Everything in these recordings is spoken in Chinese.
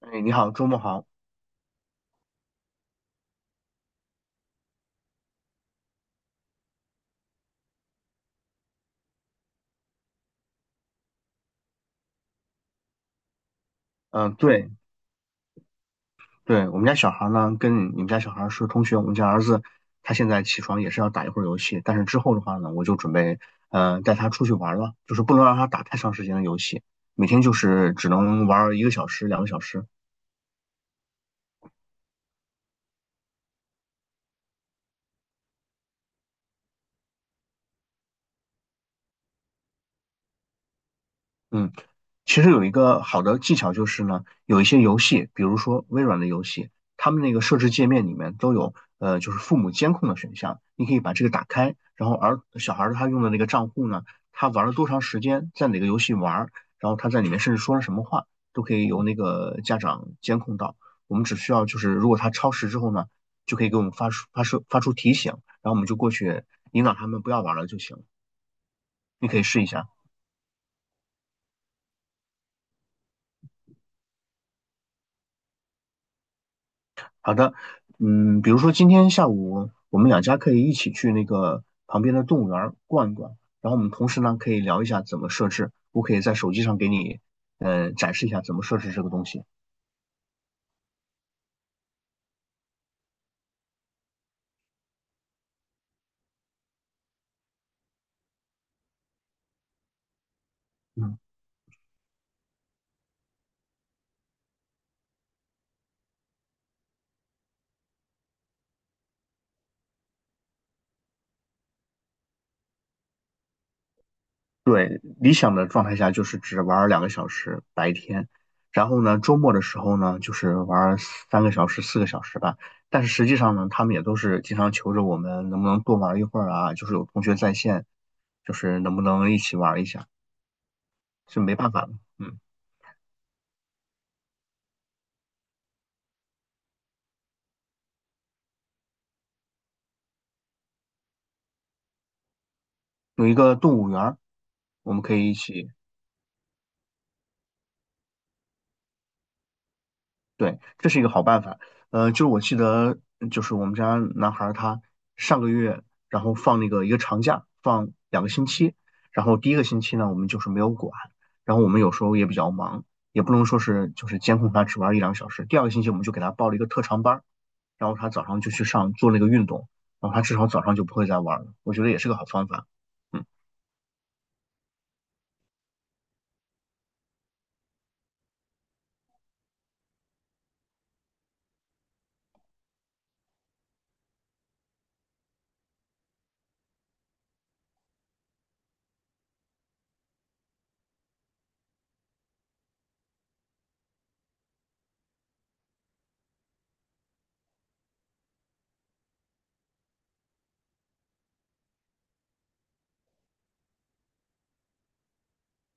哎，你好，周末好。嗯，对对，我们家小孩呢，跟你们家小孩是同学。我们家儿子他现在起床也是要打一会儿游戏，但是之后的话呢，我就准备带他出去玩了，就是不能让他打太长时间的游戏，每天就是只能玩儿1个小时、两个小时。嗯。其实有一个好的技巧就是呢，有一些游戏，比如说微软的游戏，他们那个设置界面里面都有就是父母监控的选项。你可以把这个打开，然后小孩儿他用的那个账户呢，他玩了多长时间，在哪个游戏玩，然后他在里面甚至说了什么话，都可以由那个家长监控到。我们只需要就是如果他超时之后呢，就可以给我们发出提醒，然后我们就过去引导他们不要玩了就行了。你可以试一下。好的。嗯，比如说今天下午我们两家可以一起去那个旁边的动物园儿逛一逛，然后我们同时呢可以聊一下怎么设置，我可以在手机上给你展示一下怎么设置这个东西。嗯，对，理想的状态下就是只玩儿两个小时白天，然后呢周末的时候呢就是玩儿三个小时、4个小时吧。但是实际上呢，他们也都是经常求着我们能不能多玩一会儿啊，就是有同学在线，就是能不能一起玩一下，是没办法的。嗯。有一个动物园儿，我们可以一起。对，这是一个好办法。就是我记得，就是我们家男孩儿他上个月，然后放那个一个长假，放2个星期，然后第一个星期呢，我们就是没有管，然后我们有时候也比较忙，也不能说是就是监控他只玩一两小时。第二个星期我们就给他报了一个特长班儿，然后他早上就去上做那个运动，然后他至少早上就不会再玩了。我觉得也是个好方法。嗯。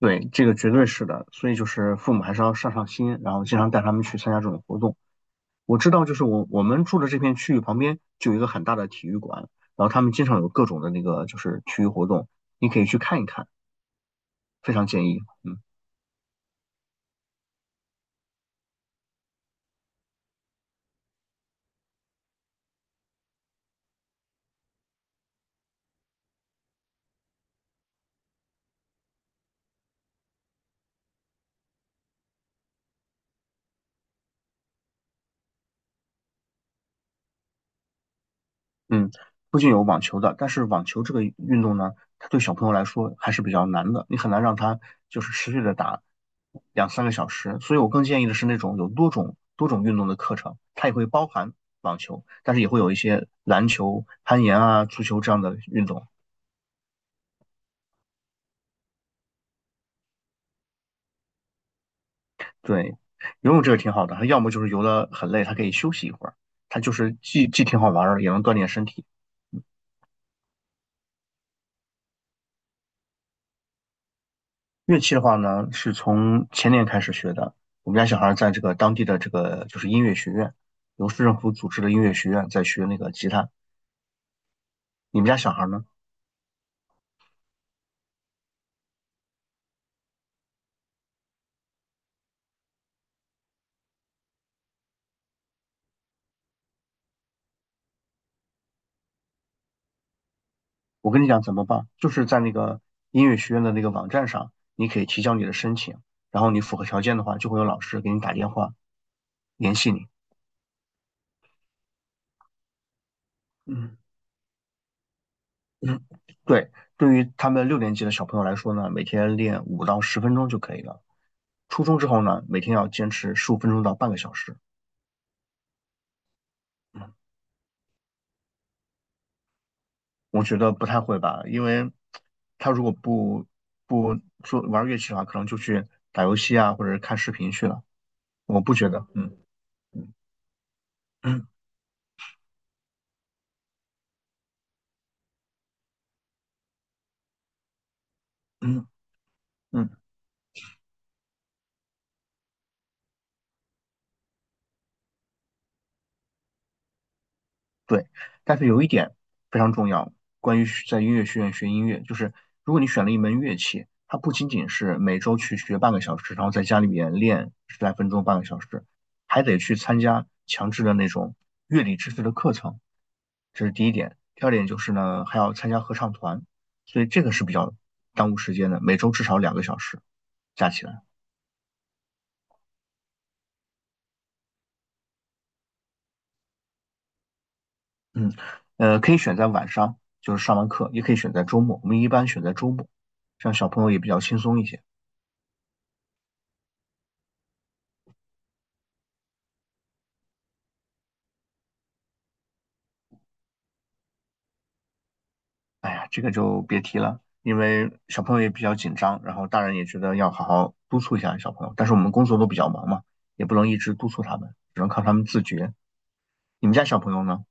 对，这个绝对是的，所以就是父母还是要上上心，然后经常带他们去参加这种活动。我知道，就是我们住的这片区域旁边就有一个很大的体育馆，然后他们经常有各种的那个就是体育活动，你可以去看一看，非常建议。嗯。嗯，不仅有网球的，但是网球这个运动呢，它对小朋友来说还是比较难的，你很难让他就是持续的打2、3个小时。所以我更建议的是那种有多种运动的课程，它也会包含网球，但是也会有一些篮球、攀岩啊、足球这样的运动。对，游泳这个挺好的，它要么就是游得很累，他可以休息一会儿，它就是既挺好玩儿的，也能锻炼身体。乐器的话呢，是从前年开始学的。我们家小孩在这个当地的这个就是音乐学院，由市政府组织的音乐学院在学那个吉他。你们家小孩呢？我跟你讲怎么办，就是在那个音乐学院的那个网站上，你可以提交你的申请，然后你符合条件的话，就会有老师给你打电话联系你。嗯嗯，对，对于他们6年级的小朋友来说呢，每天练5到10分钟就可以了。初中之后呢，每天要坚持15分钟到半个小时。我觉得不太会吧，因为他如果不玩乐器的话，可能就去打游戏啊，或者是看视频去了。我不觉得，嗯嗯嗯嗯嗯。对，但是有一点非常重要，关于在音乐学院学音乐，就是如果你选了一门乐器，它不仅仅是每周去学半个小时，然后在家里面练十来分钟、半个小时，还得去参加强制的那种乐理知识的课程，这是第一点。第二点就是呢，还要参加合唱团，所以这个是比较耽误时间的，每周至少两个小时加起来。嗯，呃，可以选在晚上，就是上完课，也可以选在周末，我们一般选在周末，这样小朋友也比较轻松一些。哎呀，这个就别提了，因为小朋友也比较紧张，然后大人也觉得要好好督促一下小朋友，但是我们工作都比较忙嘛，也不能一直督促他们，只能靠他们自觉。你们家小朋友呢？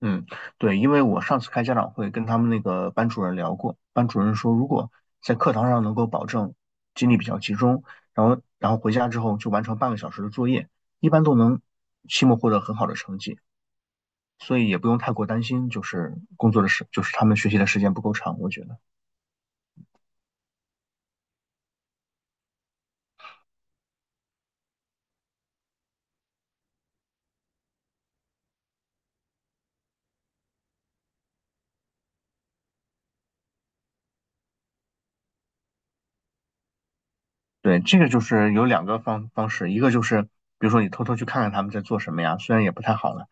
嗯，对，因为我上次开家长会跟他们那个班主任聊过，班主任说如果在课堂上能够保证精力比较集中，然后回家之后就完成半个小时的作业，一般都能期末获得很好的成绩，所以也不用太过担心，就是工作的时，就是他们学习的时间不够长，我觉得。对，这个就是有两个方式，一个就是比如说你偷偷去看看他们在做什么呀，虽然也不太好了。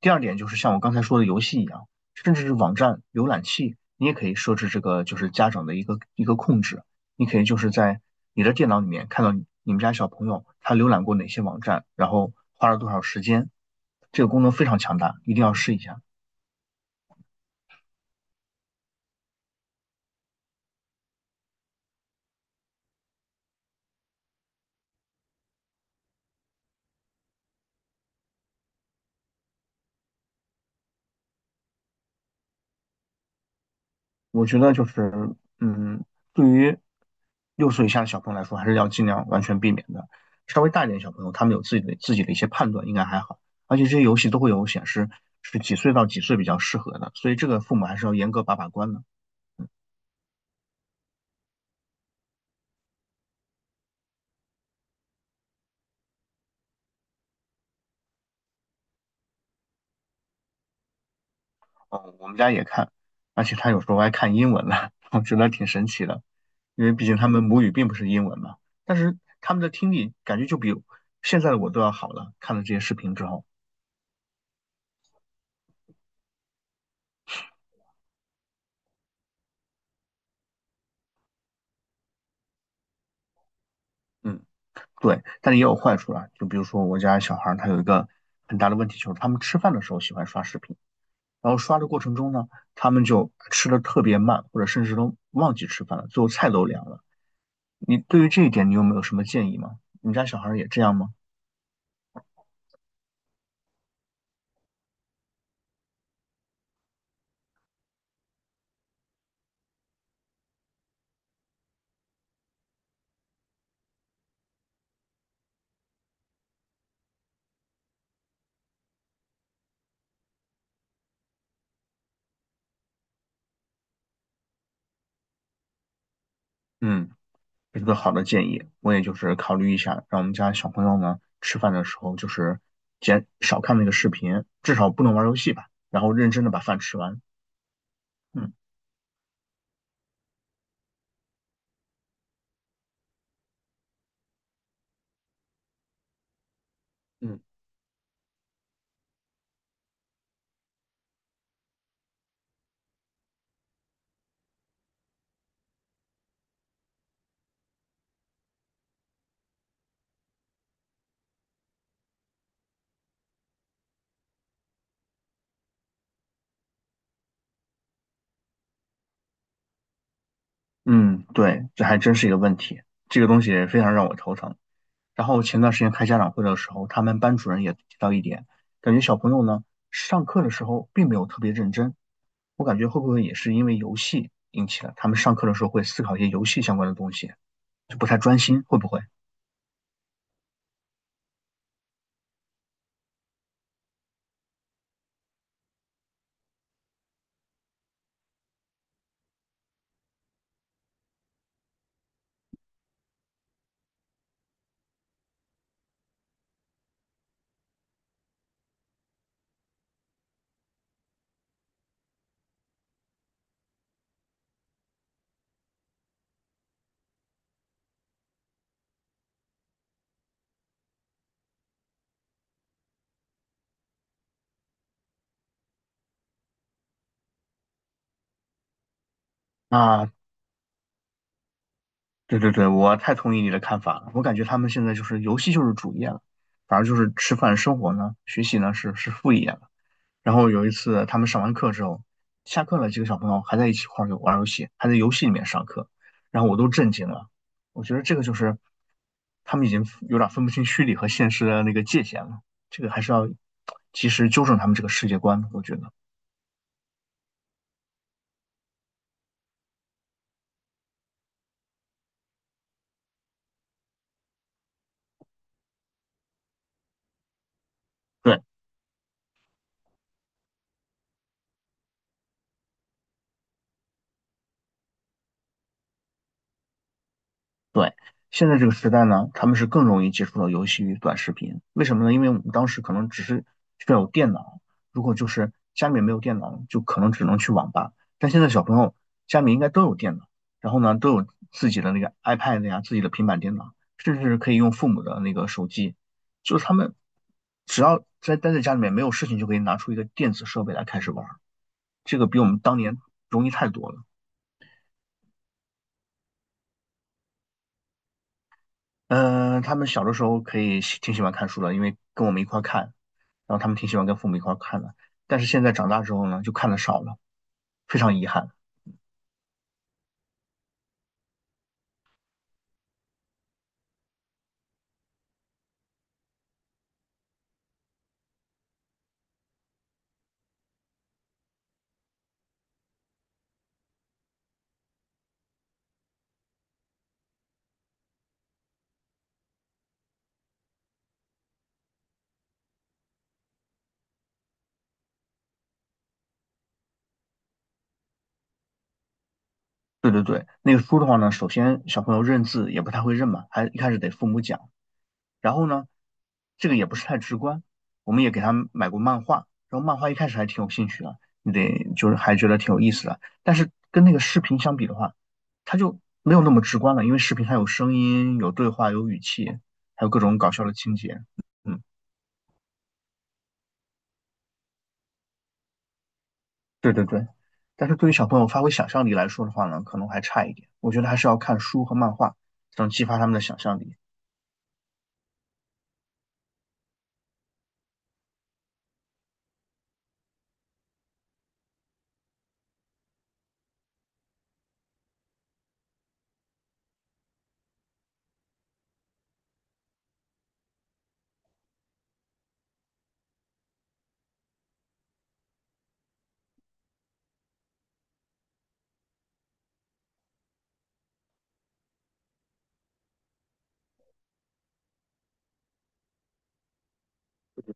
第二点就是像我刚才说的游戏一样，甚至是网站浏览器，你也可以设置这个就是家长的一个控制，你可以就是在你的电脑里面看到你们家小朋友他浏览过哪些网站，然后花了多少时间。这个功能非常强大，一定要试一下。我觉得就是，嗯，对于6岁以下的小朋友来说，还是要尽量完全避免的。稍微大一点的小朋友，他们有自己的一些判断，应该还好。而且这些游戏都会有显示是几岁到几岁比较适合的，所以这个父母还是要严格把关的。哦，我们家也看，而且他有时候还看英文的，我觉得挺神奇的，因为毕竟他们母语并不是英文嘛。但是他们的听力感觉就比现在的我都要好了，看了这些视频之后。嗯。对，但是也有坏处啦。就比如说我家小孩儿他有一个很大的问题，就是他们吃饭的时候喜欢刷视频，然后刷的过程中呢，他们就吃的特别慢，或者甚至都忘记吃饭了，最后菜都凉了。你对于这一点，你有没有什么建议吗？你们家小孩儿也这样吗？嗯，这是个好的建议，我也就是考虑一下，让我们家小朋友呢吃饭的时候就是减少看那个视频，至少不能玩游戏吧，然后认真的把饭吃完。嗯。嗯，嗯，对，这还真是一个问题，这个东西非常让我头疼。然后前段时间开家长会的时候，他们班主任也提到一点，感觉小朋友呢上课的时候并没有特别认真。我感觉会不会也是因为游戏引起了他们上课的时候会思考一些游戏相关的东西，就不太专心，会不会？啊，对对对，我太同意你的看法了。我感觉他们现在就是游戏就是主业了，反而就是吃饭、生活呢、学习呢是副业了。然后有一次他们上完课之后，下课了，几个小朋友还在一起玩游戏，还在游戏里面上课，然后我都震惊了。我觉得这个就是他们已经有点分不清虚拟和现实的那个界限了，这个还是要及时纠正他们这个世界观，我觉得。对。对，现在这个时代呢，他们是更容易接触到游戏与短视频。为什么呢？因为我们当时可能只是需要有电脑，如果就是家里面没有电脑，就可能只能去网吧。但现在小朋友家里应该都有电脑，然后呢都有自己的那个 iPad 呀、自己的平板电脑，甚至可以用父母的那个手机。就是他们只要待在家里面没有事情，就可以拿出一个电子设备来开始玩儿，这个比我们当年容易太多了。嗯、他们小的时候可以喜挺喜欢看书的，因为跟我们一块儿看，然后他们挺喜欢跟父母一块儿看的。但是现在长大之后呢，就看的少了，非常遗憾。对对对，那个书的话呢，首先小朋友认字也不太会认嘛，还一开始得父母讲。然后呢，这个也不是太直观，我们也给他买过漫画，然后漫画一开始还挺有兴趣的，你得就是还觉得挺有意思的，但是跟那个视频相比的话，它就没有那么直观了，因为视频它有声音、有对话、有语气，还有各种搞笑的情节。嗯，对对对。但是对于小朋友发挥想象力来说的话呢，可能还差一点。我觉得还是要看书和漫画，才能激发他们的想象力。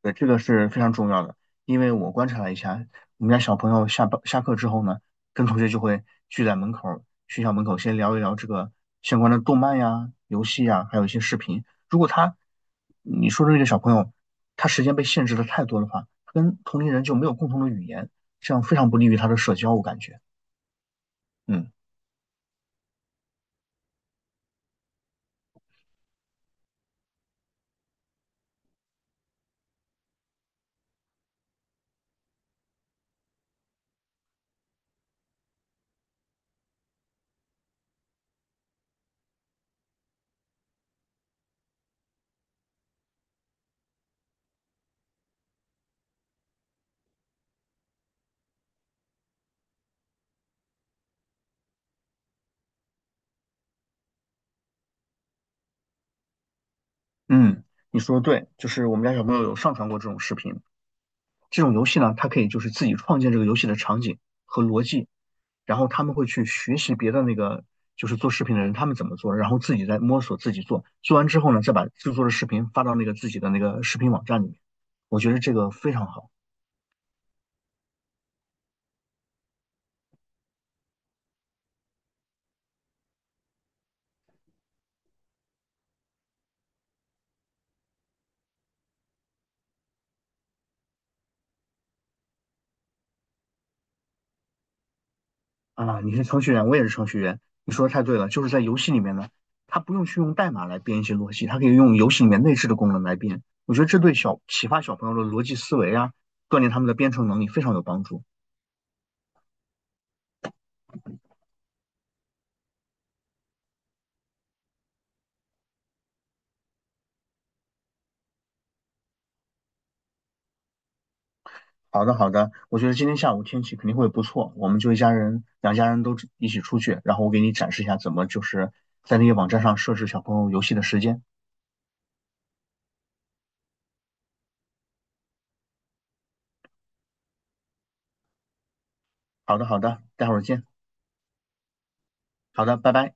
对，这个是非常重要的，因为我观察了一下，我们家小朋友下班下课之后呢，跟同学就会聚在门口儿学校门口先聊一聊这个相关的动漫呀、游戏呀，还有一些视频。如果他，你说的这个小朋友，他时间被限制的太多的话，他跟同龄人就没有共同的语言，这样非常不利于他的社交，我感觉。嗯嗯，你说的对，就是我们家小朋友有上传过这种视频。这种游戏呢，它可以就是自己创建这个游戏的场景和逻辑，然后他们会去学习别的那个就是做视频的人他们怎么做，然后自己再摸索自己做，做完之后呢，再把制作的视频发到那个自己的那个视频网站里面。我觉得这个非常好。啊！你是程序员，我也是程序员，你说的太对了，就是在游戏里面呢，他不用去用代码来编一些逻辑，他可以用游戏里面内置的功能来编。我觉得这对小启发小朋友的逻辑思维啊，锻炼他们的编程能力非常有帮助。好的，好的，我觉得今天下午天气肯定会不错，我们就一家人，两家人都一起出去，然后我给你展示一下怎么就是在那个网站上设置小朋友游戏的时间。好的，好的，待会儿见。好的，拜拜。